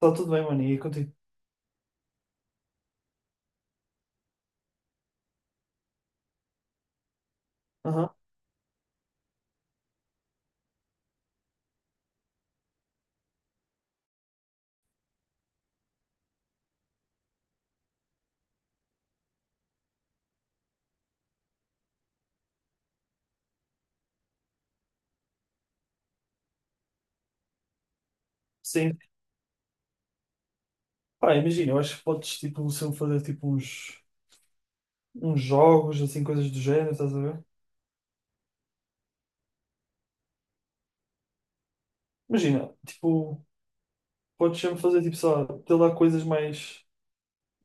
Está tudo bem, mano, e contigo? Aham, sim. Pá, imagina, eu acho que podes, tipo, sempre fazer, tipo, uns, uns jogos, assim, coisas do género, estás a ver? Imagina, tipo, podes sempre fazer, tipo, só ter lá coisas mais,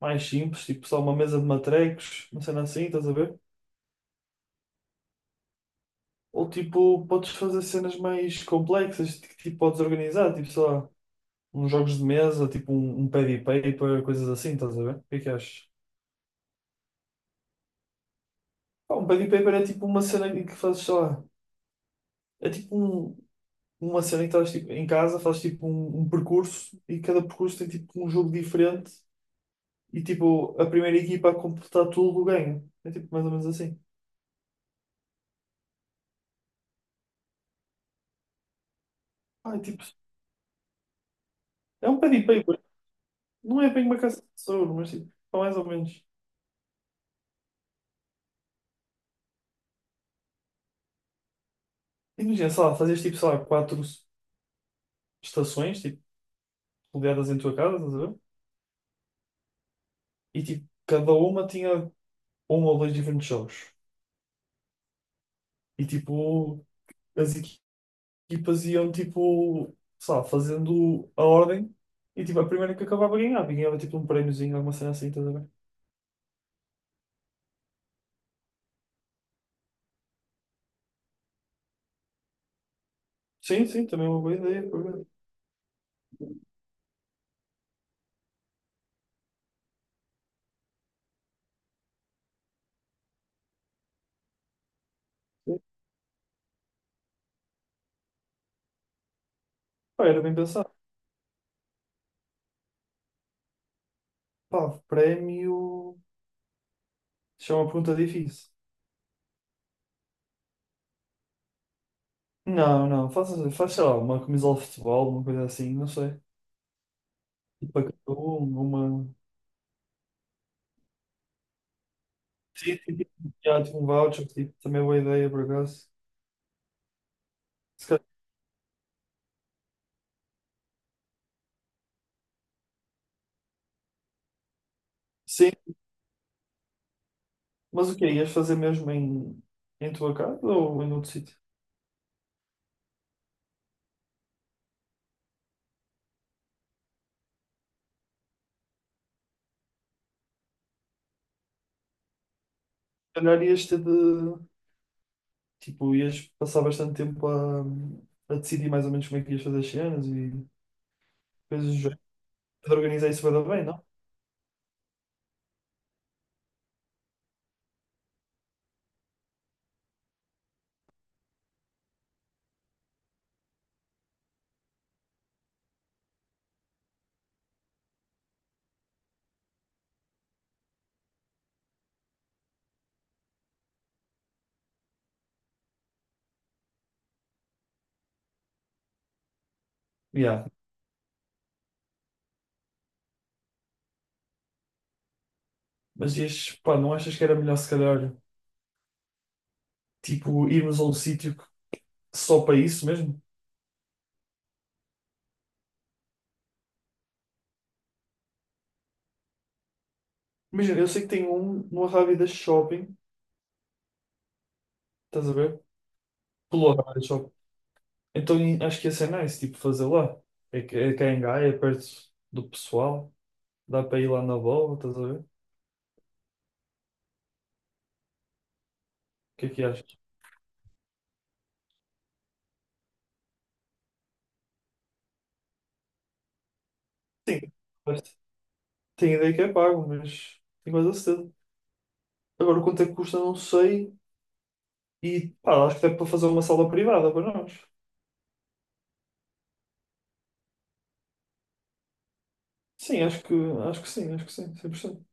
mais simples, tipo, só uma mesa de matrecos, uma cena assim, estás a ver? Ou, tipo, podes fazer cenas mais complexas, que, tipo, podes organizar, tipo, só uns jogos de mesa, tipo, um pad e paper, coisas assim, estás a ver? O que é que achas? Pá, um pad e paper é, tipo, uma cena em que fazes, sei lá, é tipo uma cena em que estás tipo, em casa, fazes tipo um percurso e cada percurso tem tipo um jogo diferente e tipo a primeira equipa a completar tudo ganha. É tipo mais ou menos assim. Ah, é tipo, é um pad e paper. Não é bem uma caça de tesouro, mas tipo, é mais ou menos. Imagina, sei lá, fazes tipo, sei lá, quatro estações, tipo, rodeadas em tua casa, estás a ver? E tipo, cada uma tinha um ou dois diferentes jogos. E tipo, as equipas iam tipo, sei lá, fazendo a ordem e tipo, a primeira que acabava ganhava, e ganhava tipo um prémiozinho, alguma cena assim, estás a ver? Sim, sim, também é uma boa ideia, por acaso. Pá, era bem pensado. Pá, prémio. Isso é uma pergunta difícil. Não, não, faz sei lá, uma camisola de futebol, uma coisa assim, não sei. Tipo, para cada um, uma. Sim, sim, sim. Já, tipo um voucher, tipo, também é boa ideia, por acaso. Se calhar- sim, mas o que quê? Ias fazer mesmo em, em tua casa ou em outro sítio? Se calhar ias ter de, tipo, ias passar bastante tempo a decidir mais ou menos como é que ias fazer as cenas e coisas do género. De organizar isso vai dar bem, não? Yeah. Mas ias, pá, não achas que era melhor se calhar, tipo, irmos a um sítio que- só para isso mesmo? Imagina, eu sei que tem um no Arrábida Shopping, estás a ver? Pelo Arrábida Shopping. Então e- acho que ia ser nice, tipo, fazer lá. É, que- é cá em Gaia, é perto do pessoal. Dá para ir lá na bola, estás a ver? O que é que achas? Sim, mas tem ideia que é pago, mas tenho quase a certeza. Agora quanto é que custa, não sei. E pá, acho que dá para fazer uma sala privada para nós. Sim, acho que sim, 100%.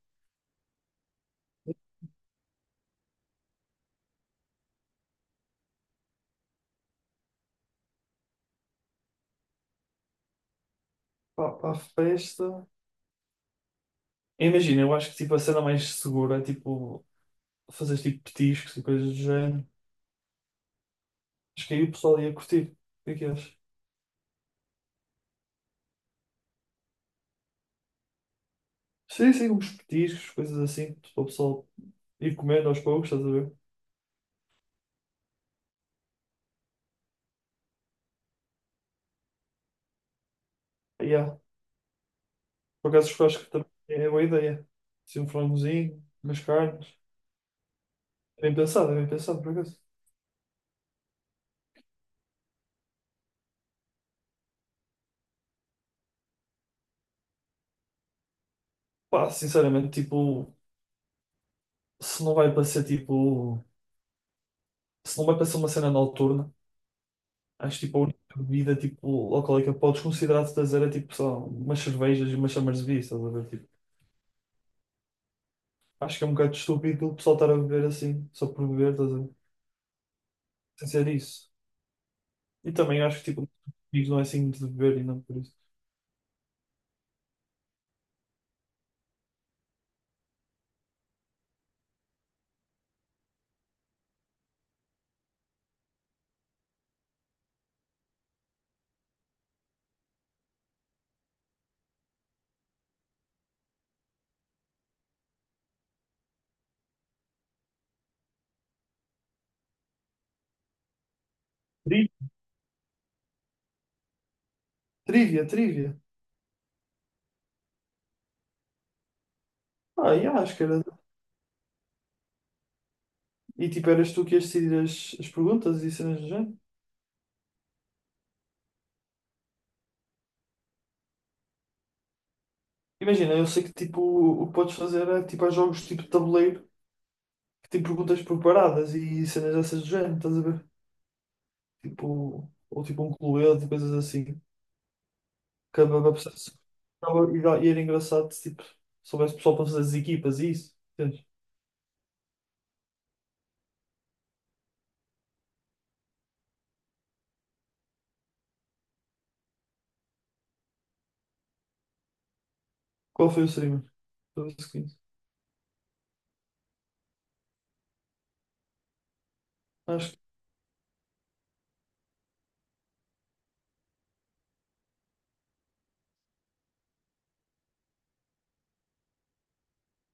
Pá, para a festa. Imagina, eu acho que tipo, a cena mais segura é tipo fazer tipo petiscos e coisas do género. Acho que aí o pessoal ia curtir. O que é que achas? Sim, sim, uns petiscos, coisas assim, para o pessoal ir comendo aos poucos, estás a ver? Yeah. Por acaso, eu acho que também é boa ideia. Assim, um frangozinho, umas carnes. É bem pensado, é bem pensado, por acaso. Pá, sinceramente, tipo, se não vai para ser tipo, se não vai para ser uma cena noturna, acho tipo a única bebida tipo, alcoólica que podes considerar de trazer é tipo só umas cervejas e umas chamas de vinho, estás a ver? Tipo, acho que é um bocado estúpido o pessoal estar a beber assim, só por beber, estás a ver? Sem ser isso. E também acho que tipo, não é assim de beber e não por isso. Tri- trivia, trivia. Ah, yeah, acho que era. E tipo, eras tu que ias decidir as, as perguntas e cenas do género. Imagina, eu sei que tipo, o que podes fazer é tipo, há jogos tipo de tabuleiro que tem perguntas preparadas e cenas dessas do género, estás a ver? Tipo, ou tipo um cluedo, coisas assim. Acabava por ser- acabava- E dá- e era engraçado se tipo, soubesse o pessoal para fazer as equipas e isso. Entendes? Qual foi o streamer? Do seguinte? Acho que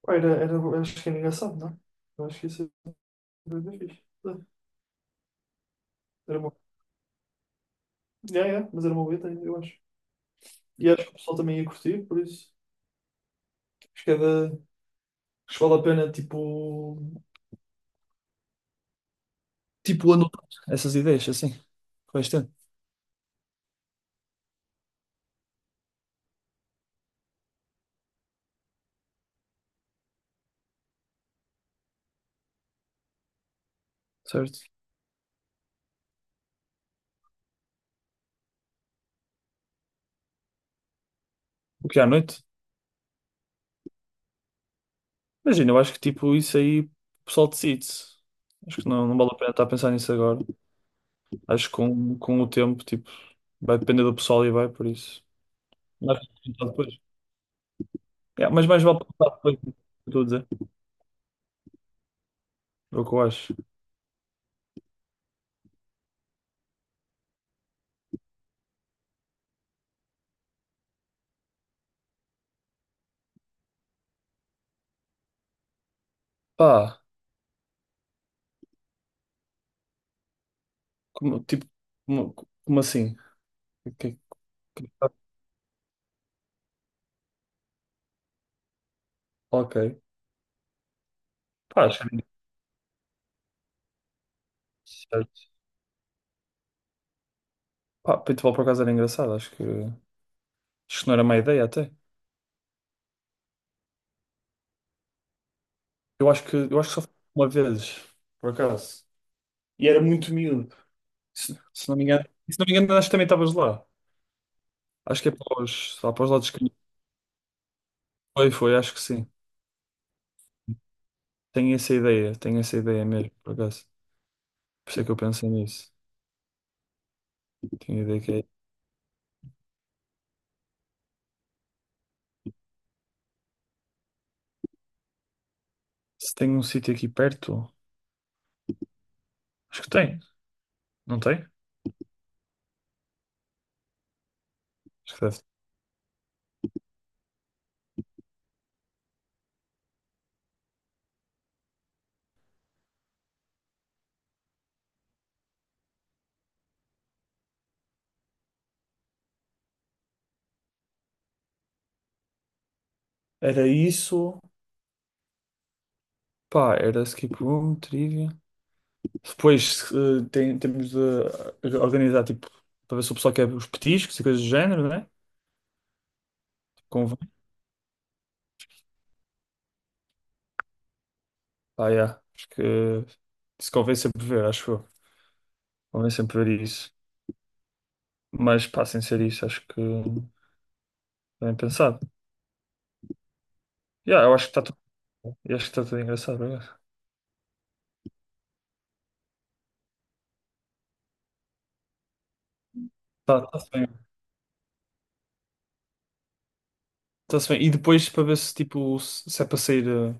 pá, era, acho que era engraçado, não é? Eu acho que isso era bem fixe. É, era bom. Yeah, yeah, mas era uma boa ideia, eu acho. E acho que o pessoal também ia curtir, por isso. Acho que é da. Acho que vale a pena, tipo. Tipo, anotar essas ideias, assim. Costa? Certo. O que é à noite? Imagina, eu acho que tipo isso aí o pessoal decide. Acho que não, não vale a pena estar a pensar nisso agora. Acho que com o tempo, tipo, vai depender do pessoal e vai por isso. Mas depois. É, mas mais vale pensar depois do que eu estou a dizer. É o que eu acho. Pá, como, tipo, como, como assim? O que- é que- Ok. Pá, acho que certo. Pá, paintball por acaso era engraçado, acho que. Acho que não era má ideia até. Eu acho que só fui uma vez, por acaso. E era muito miúdo. Se não me engano, se não me engano, acho que também estavas lá. Acho que é para os, lá para os lados que foi, foi, acho que sim. Tenho essa ideia mesmo, por acaso. Por isso é que eu pensei nisso. Tenho a ideia que é. Se tem um sítio aqui perto, acho que tem, não tem? Acho que deve ter. Era isso. Pá, era skip room, trivia. Depois tem- temos de organizar, tipo, para ver se o pessoal quer os petiscos e coisas do género, né? Ah, yeah. Acho que isso convém sempre ver, acho eu. Convém sempre ver isso. Mas pá, sem ser isso, acho que bem pensado. Yeah, eu acho que está tudo. Eu acho que está tudo engraçado, obrigado. Tá, tá-se bem. Tá-se bem. E depois para ver se tipo se se é para sair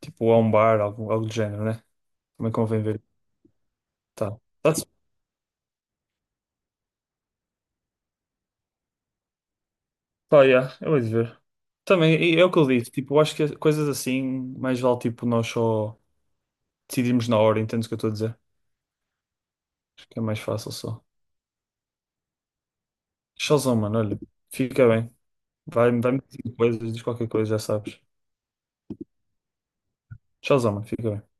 tipo a um bar, algo, algo do género, né? Também convém ver. Tá. Tá-se pá, yeah, eu hei de ver. Também, e é o que eu disse, tipo, eu acho que coisas assim, mais vale tipo nós só decidirmos na hora, entendes o que eu estou a dizer? Acho que é mais fácil só. Showzão, mano, olha, fica bem. Vai, vai-me dizendo coisas, diz qualquer coisa, já sabes. Tchauzão, mano. Fica bem.